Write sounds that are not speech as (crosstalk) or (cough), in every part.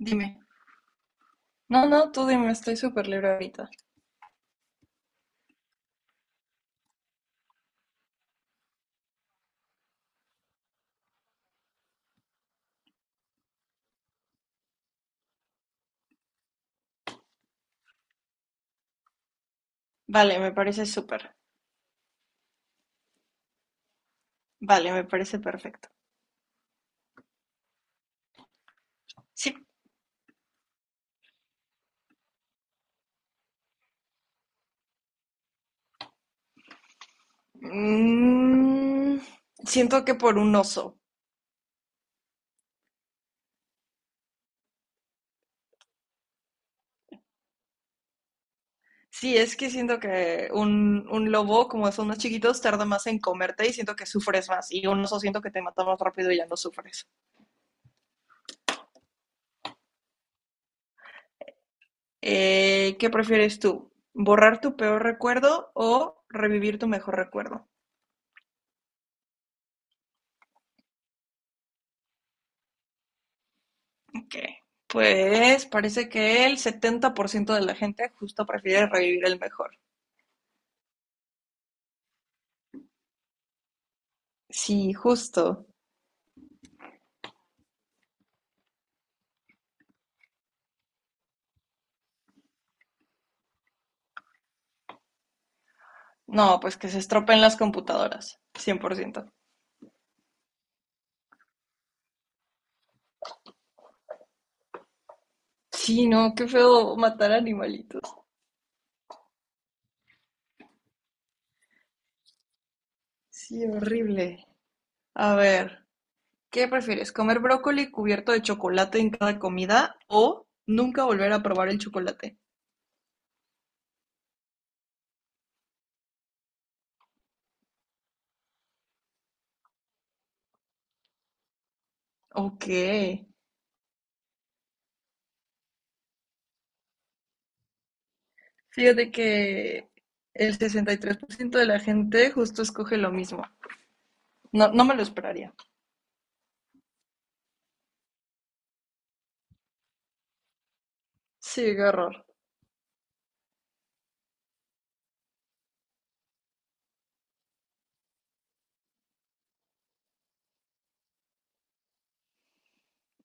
Dime. No, no, tú dime, estoy súper libre ahorita. Vale, me parece súper. Vale, me parece perfecto. Sí. Mm, siento que por un oso. Sí, es que siento que un lobo, como son más chiquitos, tarda más en comerte y siento que sufres más. Y un oso siento que te mata más rápido y ya no sufres. ¿qué prefieres tú? ¿Borrar tu peor recuerdo o revivir tu mejor recuerdo? Ok. Pues parece que el 70% de la gente justo prefiere revivir el mejor. Sí, justo. No, pues que se estropeen las computadoras, 100%. Sí, no, qué feo matar animalitos. Sí, horrible. A ver, ¿qué prefieres? ¿Comer brócoli cubierto de chocolate en cada comida o nunca volver a probar el chocolate? Ok. Fíjate que el 63% de la gente justo escoge lo mismo. No, no me lo esperaría. Sí, qué horror.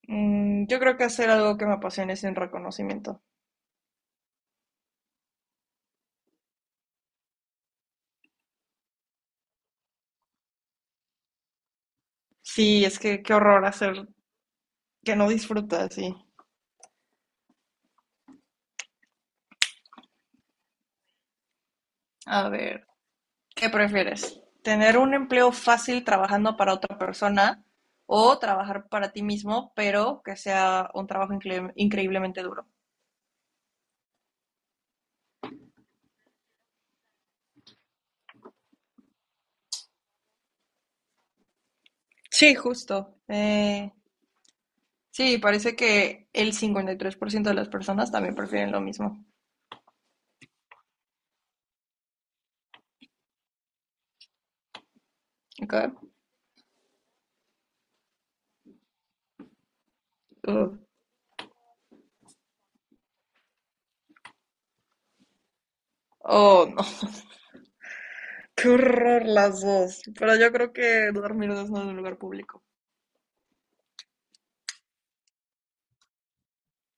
Mm, yo creo que hacer algo que me apasione sin reconocimiento. Sí, es que qué horror hacer que no disfrutas, sí. A ver, ¿qué prefieres? ¿Tener un empleo fácil trabajando para otra persona o trabajar para ti mismo, pero que sea un trabajo increíblemente duro? Sí, justo. Sí, parece que el 53% de las personas también prefieren lo mismo. ¿Ok? Oh, Oh, no. (laughs) Qué horror las dos. Pero yo creo que dormir desnudo en un lugar público.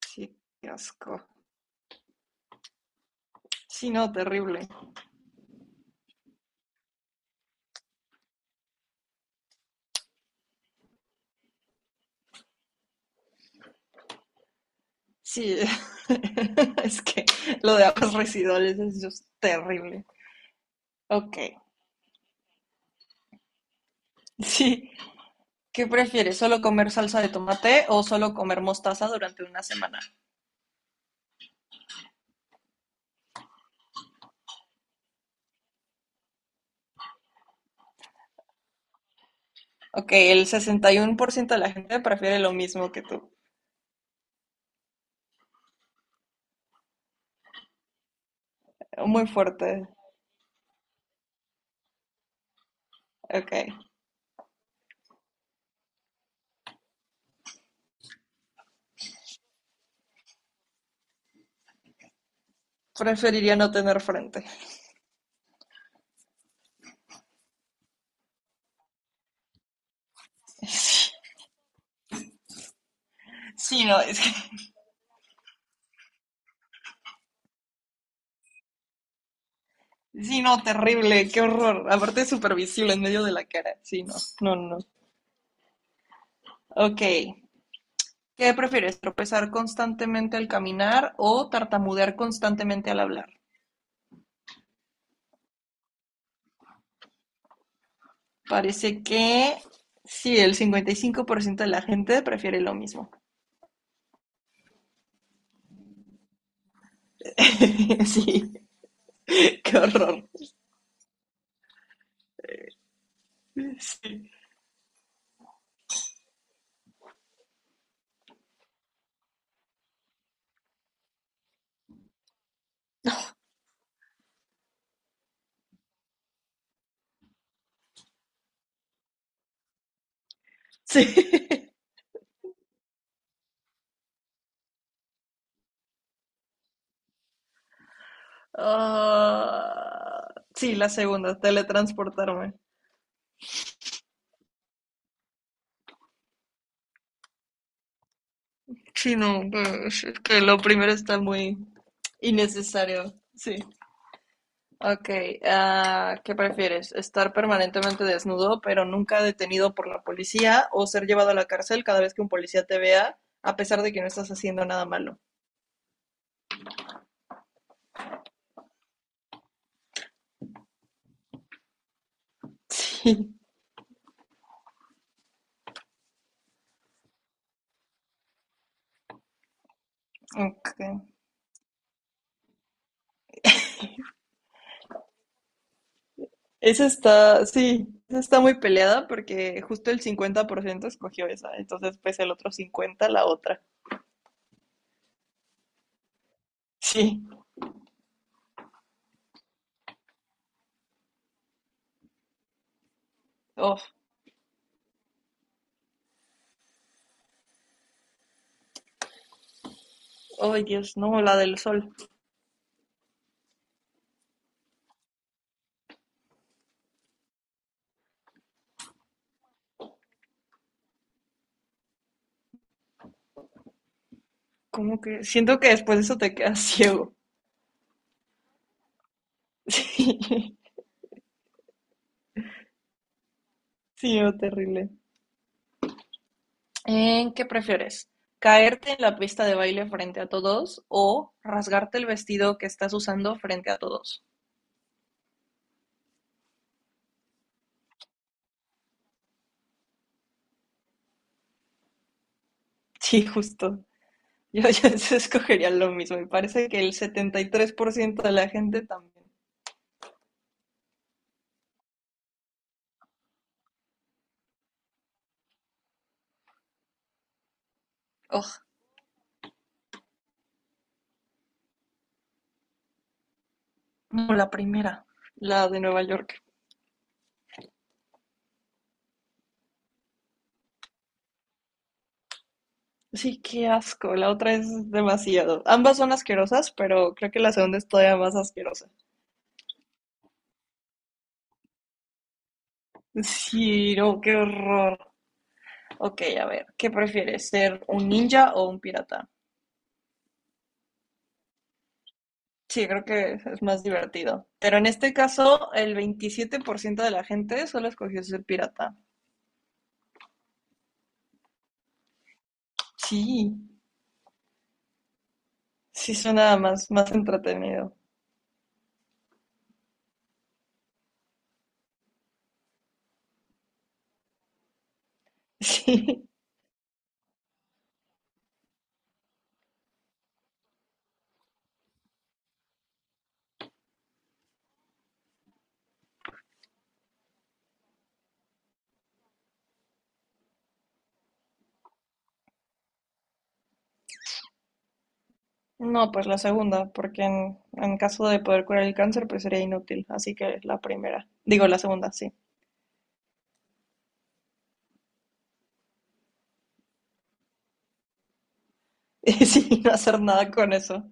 Sí, qué asco. Sí, no, terrible. Sí, (laughs) es que lo de aguas residuales es just terrible. Ok, sí. ¿Qué prefieres? ¿Solo comer salsa de tomate o solo comer mostaza durante una semana? Ok, el 61% de la gente prefiere lo mismo que tú. Muy fuerte. Ok. Preferiría no tener frente. (laughs) Sí, sí, no, es que, sí, no, terrible, qué horror. Aparte es supervisible en medio de la cara. Sí, no, no, no. Ok, ¿qué prefieres, tropezar constantemente al caminar o tartamudear constantemente al hablar? Parece que sí, el 55% de la gente prefiere lo mismo. (laughs) Sí, qué horror. Sí, sí. Ah, sí, la segunda, teletransportarme. Sí, no, es que lo primero está muy innecesario. Sí. Ok, ¿qué prefieres? ¿Estar permanentemente desnudo, pero nunca detenido por la policía, o ser llevado a la cárcel cada vez que un policía te vea, a pesar de que no estás haciendo nada malo? Sí. Ok. Esa está, sí, esa está muy peleada porque justo el 50% escogió esa, entonces pues el otro 50 la otra. Sí. Oh, oh Dios, no, la del sol. ¿Cómo que? Siento que después de eso te quedas ciego. (laughs) Sí, sí, no, terrible. ¿En qué prefieres? ¿Caerte en la pista de baile frente a todos o rasgarte el vestido que estás usando frente a todos? (laughs) Sí, justo. Yo (laughs) escogería lo mismo. Me parece que el 73% de la gente también. Oh, no, la primera, la de Nueva York. Sí, qué asco. La otra es demasiado. Ambas son asquerosas, pero creo que la segunda es todavía más asquerosa. Sí, no, qué horror. Ok, a ver, ¿qué prefieres? ¿Ser un ninja o un pirata? Sí, creo que es más divertido. Pero en este caso, el 27% de la gente solo escogió ser pirata. Sí, sí suena más, más entretenido. (laughs) Sí. No, pues la segunda, porque en caso de poder curar el cáncer, pues sería inútil. Así que la primera. Digo, la segunda, sí. (laughs) Sí, no hacer nada con eso.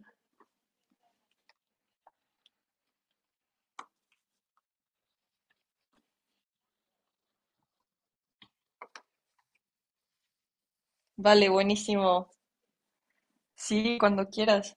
Vale, buenísimo. Sí, cuando quieras.